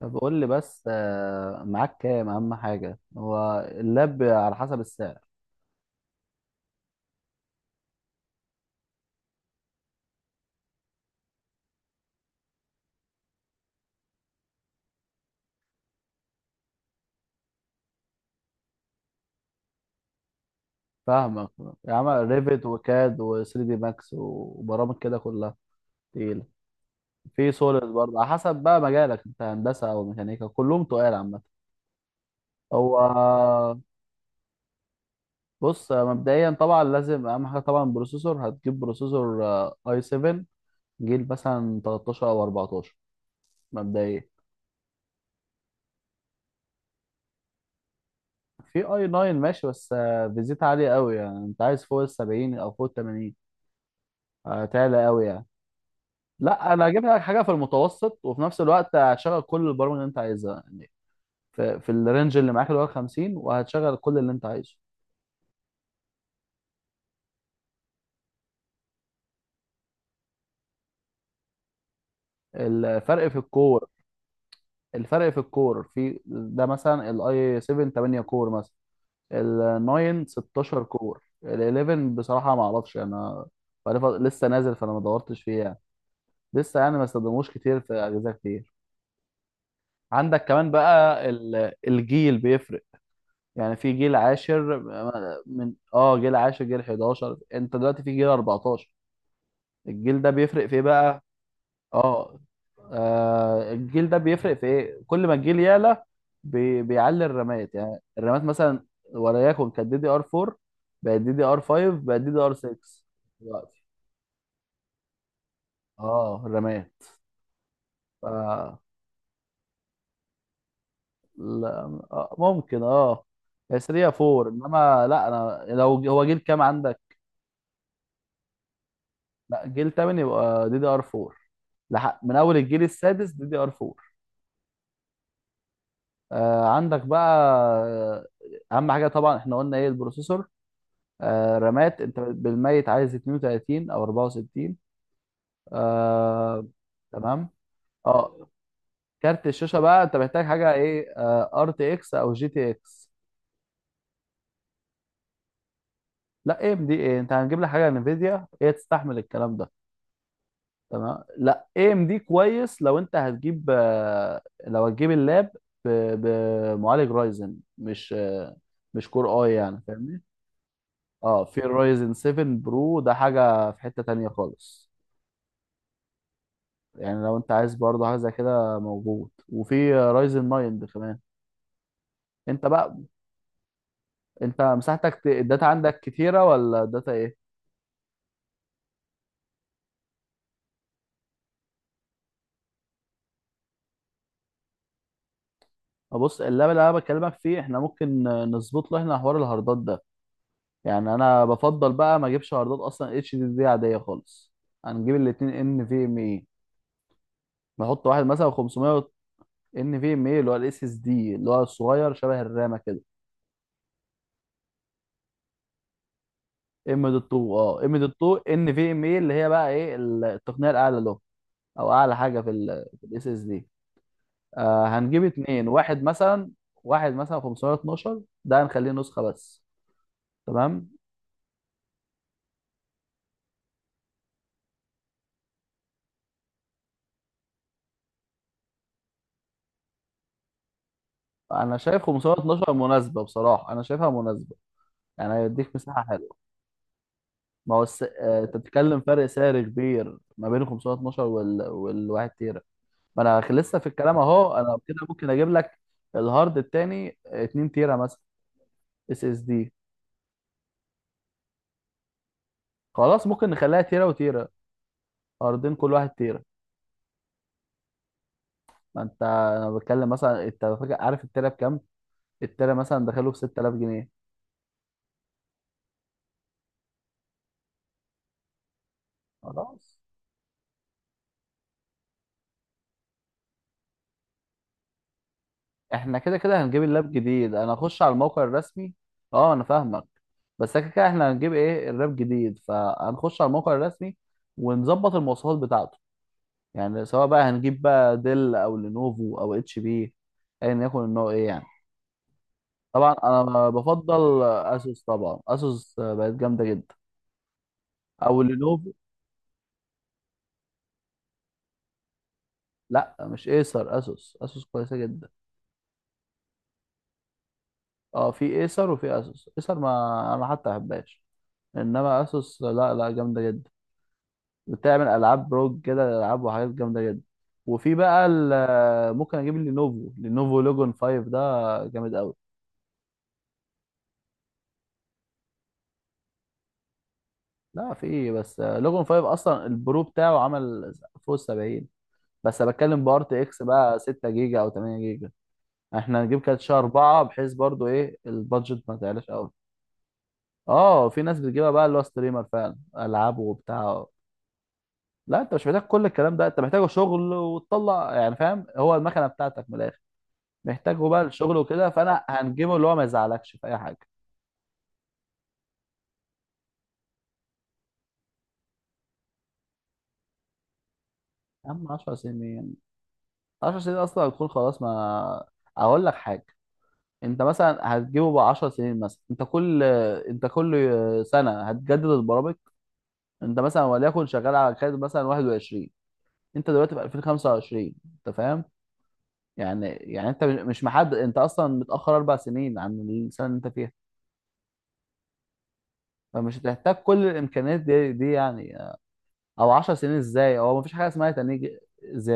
طب قول لي بس معاك كام؟ اهم حاجه هو اللاب على حسب السعر. فاهمك. يا عم ريفيت وكاد و3 دي ماكس وبرامج كده كلها تقيله. في سوليد برضه، على حسب بقى مجالك، انت هندسه او ميكانيكا كلهم تقال عامه. هو بص، مبدئيا طبعا لازم اهم حاجه طبعا بروسيسور، هتجيب بروسيسور اي 7، جيل مثلا 13 او 14 مبدئيا. في اي 9 ماشي، بس فيزيت عاليه قوي، يعني انت عايز فوق ال 70 او فوق ال 80. تعلى قوي يعني. لا، انا هجيب لك حاجه في المتوسط وفي نفس الوقت هتشغل كل البرامج اللي انت عايزها، يعني في الرينج اللي معاك اللي هو 50، وهتشغل كل اللي انت عايزه. الفرق في الكور، الفرق في الكور في ده. مثلا الاي 7، 8 كور مثلا. ال 9، 16 كور. ال 11 بصراحه ما اعرفش يعني، انا لسه نازل، فانا ما دورتش فيه يعني. لسه يعني ما استخدموش كتير في اجهزه كتير. عندك كمان بقى الجيل بيفرق. يعني في جيل عاشر، من جيل عاشر، جيل 11، انت دلوقتي في جيل 14. الجيل ده بيفرق في ايه بقى؟ اه. الجيل ده بيفرق في ايه؟ كل ما الجيل يعلى بيعلي الرامات. يعني الرامات مثلا وليكن كانت دي دي ار 4، بقت دي دي ار 5، بقت دي دي ار 6 دلوقتي. اه الرامات. ف... لا. ممكن. اه، هي 3، 4. انما لا، انا لو... هو جيل كام عندك؟ لا، جيل تمن يبقى دي دي ار 4. من اول الجيل السادس دي دي ار 4. آه عندك بقى. آه، اهم حاجه طبعا احنا قلنا ايه؟ البروسيسور. آه رامات، انت بالميت عايز 32 او 64. آه. تمام. اه كارت الشاشه بقى، انت محتاج حاجه ايه؟ ار تي اكس او جي تي اكس. لا ام دي ايه، انت هنجيب لك حاجه انفيديا هي تستحمل الكلام ده. تمام. لا، اي ام دي كويس لو انت هتجيب، لو هتجيب اللاب ب- بمعالج رايزن، مش مش كور اي، يعني فاهمني. اه، في الرايزن 7 برو، ده حاجه في حته تانية خالص. يعني لو انت عايز برضه حاجه زي كده موجود، وفي رايزن 9 ده كمان. انت بقى انت مساحتك الداتا عندك كتيره ولا الداتا ايه؟ بص، اللاب اللي انا بكلمك فيه احنا ممكن نظبط له احنا حوار الهاردات ده. يعني انا بفضل بقى ما اجيبش عرضات اصلا اتش دي دي عاديه خالص. هنجيب الاتنين ان في ام اي، نحط واحد مثلا 500. ان في ام اي اللي هو الاس اس دي، اللي هو الصغير شبه الرامه كده. ام دوت 2. اه، ام دوت 2 ان في ام اي اللي هي بقى ايه، التقنيه الاعلى له، او اعلى حاجه في الاس اس دي. آه، هنجيب اتنين، واحد مثلا، واحد مثلا 512 ده هنخليه نسخه بس. تمام، انا شايف 512 مناسبه، بصراحه انا شايفها مناسبه، يعني هيديك مساحه. ما هو انت بتتكلم فرق سعر كبير ما بين 512 والواحد تيرا. ما انا لسه في الكلام اهو، انا كده ممكن اجيب لك الهارد التاني 2 تيرا مثلا، اس اس دي. خلاص، ممكن نخليها تيرا وتيرا، هاردين كل واحد تيرا. ما انت انا بتكلم مثلا، انت فاكر عارف التيرا بكام؟ التيرا مثلا دخله ب 6000 جنيه. خلاص، احنا كده كده هنجيب اللاب جديد، انا اخش على الموقع الرسمي. اه انا فاهمك. بس كده كده احنا هنجيب ايه اللاب جديد، فهنخش على الموقع الرسمي ونظبط المواصفات بتاعته. يعني سواء بقى هنجيب بقى ديل او لينوفو او اتش بي، ايا يكن النوع ايه يعني. طبعا انا بفضل اسوس، طبعا اسوس بقت جامده جدا، او لينوفو. لا، مش ايسر، اسوس. اسوس كويسه جدا. اه في ايسر وفي اسوس، ايسر ما... انا حتى ما بحبهاش. انما اسوس، لا لا، جامده جدا. بتعمل العاب روج كده، العاب وحاجات جامده جدا. وفي بقى ممكن اجيب لينوفو، لينوفو لوجون 5 ده جامد قوي. لا، في إيه، بس لوجون 5 اصلا البرو بتاعه عمل فوق 70. بس أنا بتكلم بارت اكس بقى 6 جيجا او 8 جيجا. احنا هنجيب كاتشة 4، بحيث برضو ايه البادجت ما تعلاش قوي. اه، في ناس بتجيبها بقى اللي هو ستريمر فعلا، العاب وبتاع. لا، انت مش محتاج كل الكلام ده، انت محتاج شغل وتطلع يعني. فاهم؟ هو المكنه بتاعتك من الاخر، محتاجه بقى للشغل وكده، فانا هنجيبه اللي هو ما يزعلكش في اي حاجه. يا عم 10 سنين، 10 سنين اصلا هتكون خلاص. ما اقول لك حاجه، انت مثلا هتجيبه ب 10 سنين مثلا، انت كل سنه هتجدد البرامج. انت مثلا وليكن شغال على كارت مثلا 21، انت دلوقتي في 2025. انت فاهم؟ يعني انت مش محدد، انت اصلا متاخر اربع سنين عن السنه اللي انت فيها. فمش هتحتاج كل الامكانيات دي يعني. او 10 سنين ازاي، هو مفيش حاجه اسمها هيتنيه، زي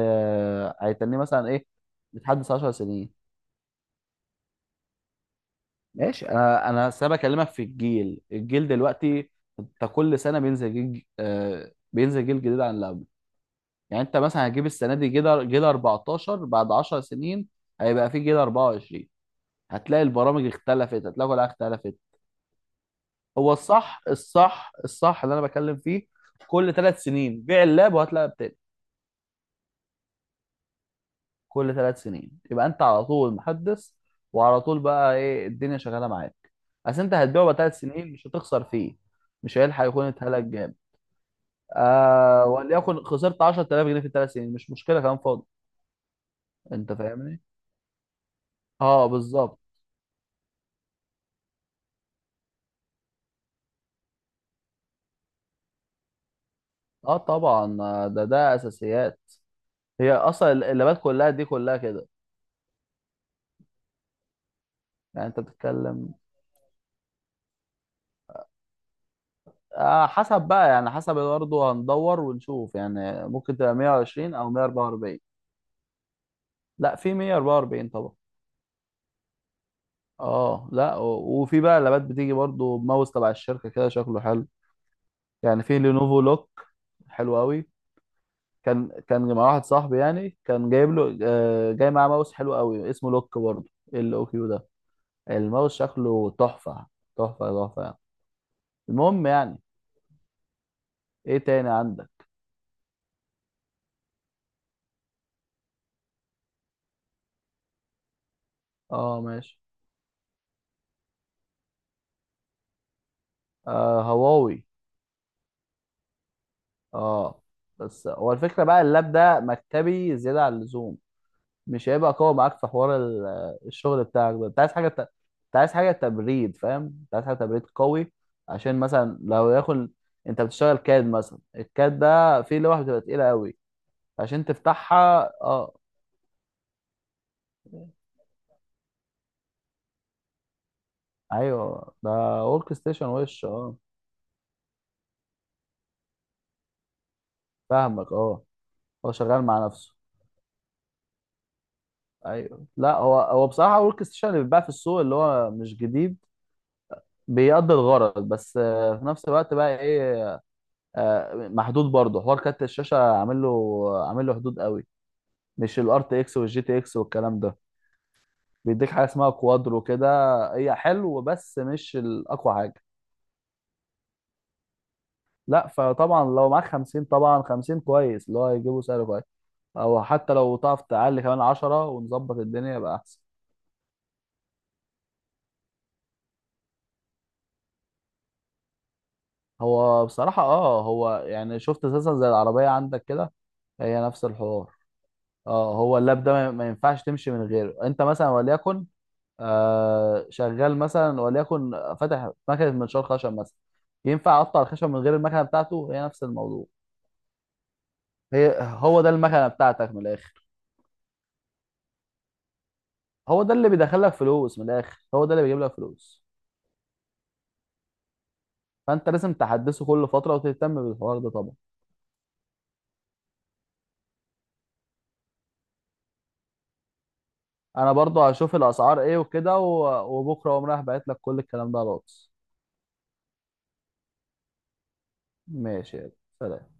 هيتنيه مثلا ايه؟ بتحدث 10 سنين؟ ماشي، انا أصل انا بكلمك في الجيل، الجيل دلوقتي انت كل سنه بينزل جيل بينزل جيل جديد عن اللي قبله. يعني انت مثلا هتجيب السنه دي جيل، جيل 14، بعد 10 سنين هيبقى في جيل 24، هتلاقي البرامج اختلفت، هتلاقي كل حاجه اختلفت. هو الصح، الصح الصح اللي انا بتكلم فيه، كل ثلاث سنين بيع اللاب وهات لاب تاني. كل ثلاث سنين يبقى انت على طول محدث، وعلى طول بقى ايه الدنيا شغاله معاك. اصل انت هتبيعه بقى ثلاث سنين، مش هتخسر فيه، مش هيلحق يكون اتهلك جامد. آه، وليكن خسرت 10000 جنيه في الثلاث سنين، مش مشكله كلام فاضي. انت فاهمني. اه بالظبط. اه طبعا، ده اساسيات. هي اصلا اللابات كلها دي كلها كده. يعني انت بتتكلم، آه حسب بقى يعني، حسب برضه هندور ونشوف، يعني ممكن تبقى 120 او 144. لا، في 144 طبعا. اه، لا وفي بقى لابات بتيجي برضو بماوس تبع الشركه كده شكله حلو، يعني في لينوفو لوك، حلو قوي. كان مع واحد صاحبي يعني، كان جايب له جاي معاه ماوس حلو قوي اسمه لوك برضو، ال او كيو ده. الماوس شكله تحفه، تحفه تحفه يعني. المهم يعني. ايه تاني عندك؟ اه ماشي. آه، هواوي. اه بس هو الفكره بقى اللاب ده مكتبي زياده عن اللزوم، مش هيبقى قوي معاك في حوار الشغل بتاعك ده. انت عايز حاجه انت عايز حاجه تبريد، فاهم؟ انت عايز حاجه تبريد قوي، عشان مثلا لو ياخد، انت بتشتغل كاد مثلا، الكاد ده فيه لوحه بتبقى تقيله قوي عشان تفتحها. اه ايوه ده ورك ستيشن وش. اه فاهمك، اه هو شغال مع نفسه. ايوه، لا هو هو بصراحه ورك ستيشن اللي بيتباع في السوق اللي هو مش جديد، بيقضي الغرض، بس في نفس الوقت بقى ايه، محدود برضه. حوار كارت الشاشه عامل له حدود قوي، مش الار تي اكس والجي تي اكس والكلام ده، بيديك حاجه اسمها كوادرو كده، هي حلو بس مش الاقوى حاجه. لا، فطبعا لو معاك 50، طبعا 50 كويس، اللي هو هيجيبه سعر كويس، او حتى لو تعرف تعلي كمان 10 ونظبط الدنيا يبقى احسن. هو بصراحه اه هو يعني شفت اساسا زي العربيه عندك كده، هي نفس الحوار. اه هو اللاب ده ما ينفعش تمشي من غيره. انت مثلا وليكن شغال مثلا وليكن فاتح مكنه منشار خشب مثلا، ينفع اقطع الخشب من غير المكنه بتاعته؟ هي نفس الموضوع. هي هو ده المكنه بتاعتك من الاخر، هو ده اللي بيدخلك فلوس من الاخر، هو ده اللي بيجيب لك فلوس. فانت لازم تحدثه كل فتره وتهتم بالحوار ده طبعا. انا برضو هشوف الاسعار ايه وكده وبكره اقوم رايح باعت لك كل الكلام ده على الواتس. ماشي، يلا سلام.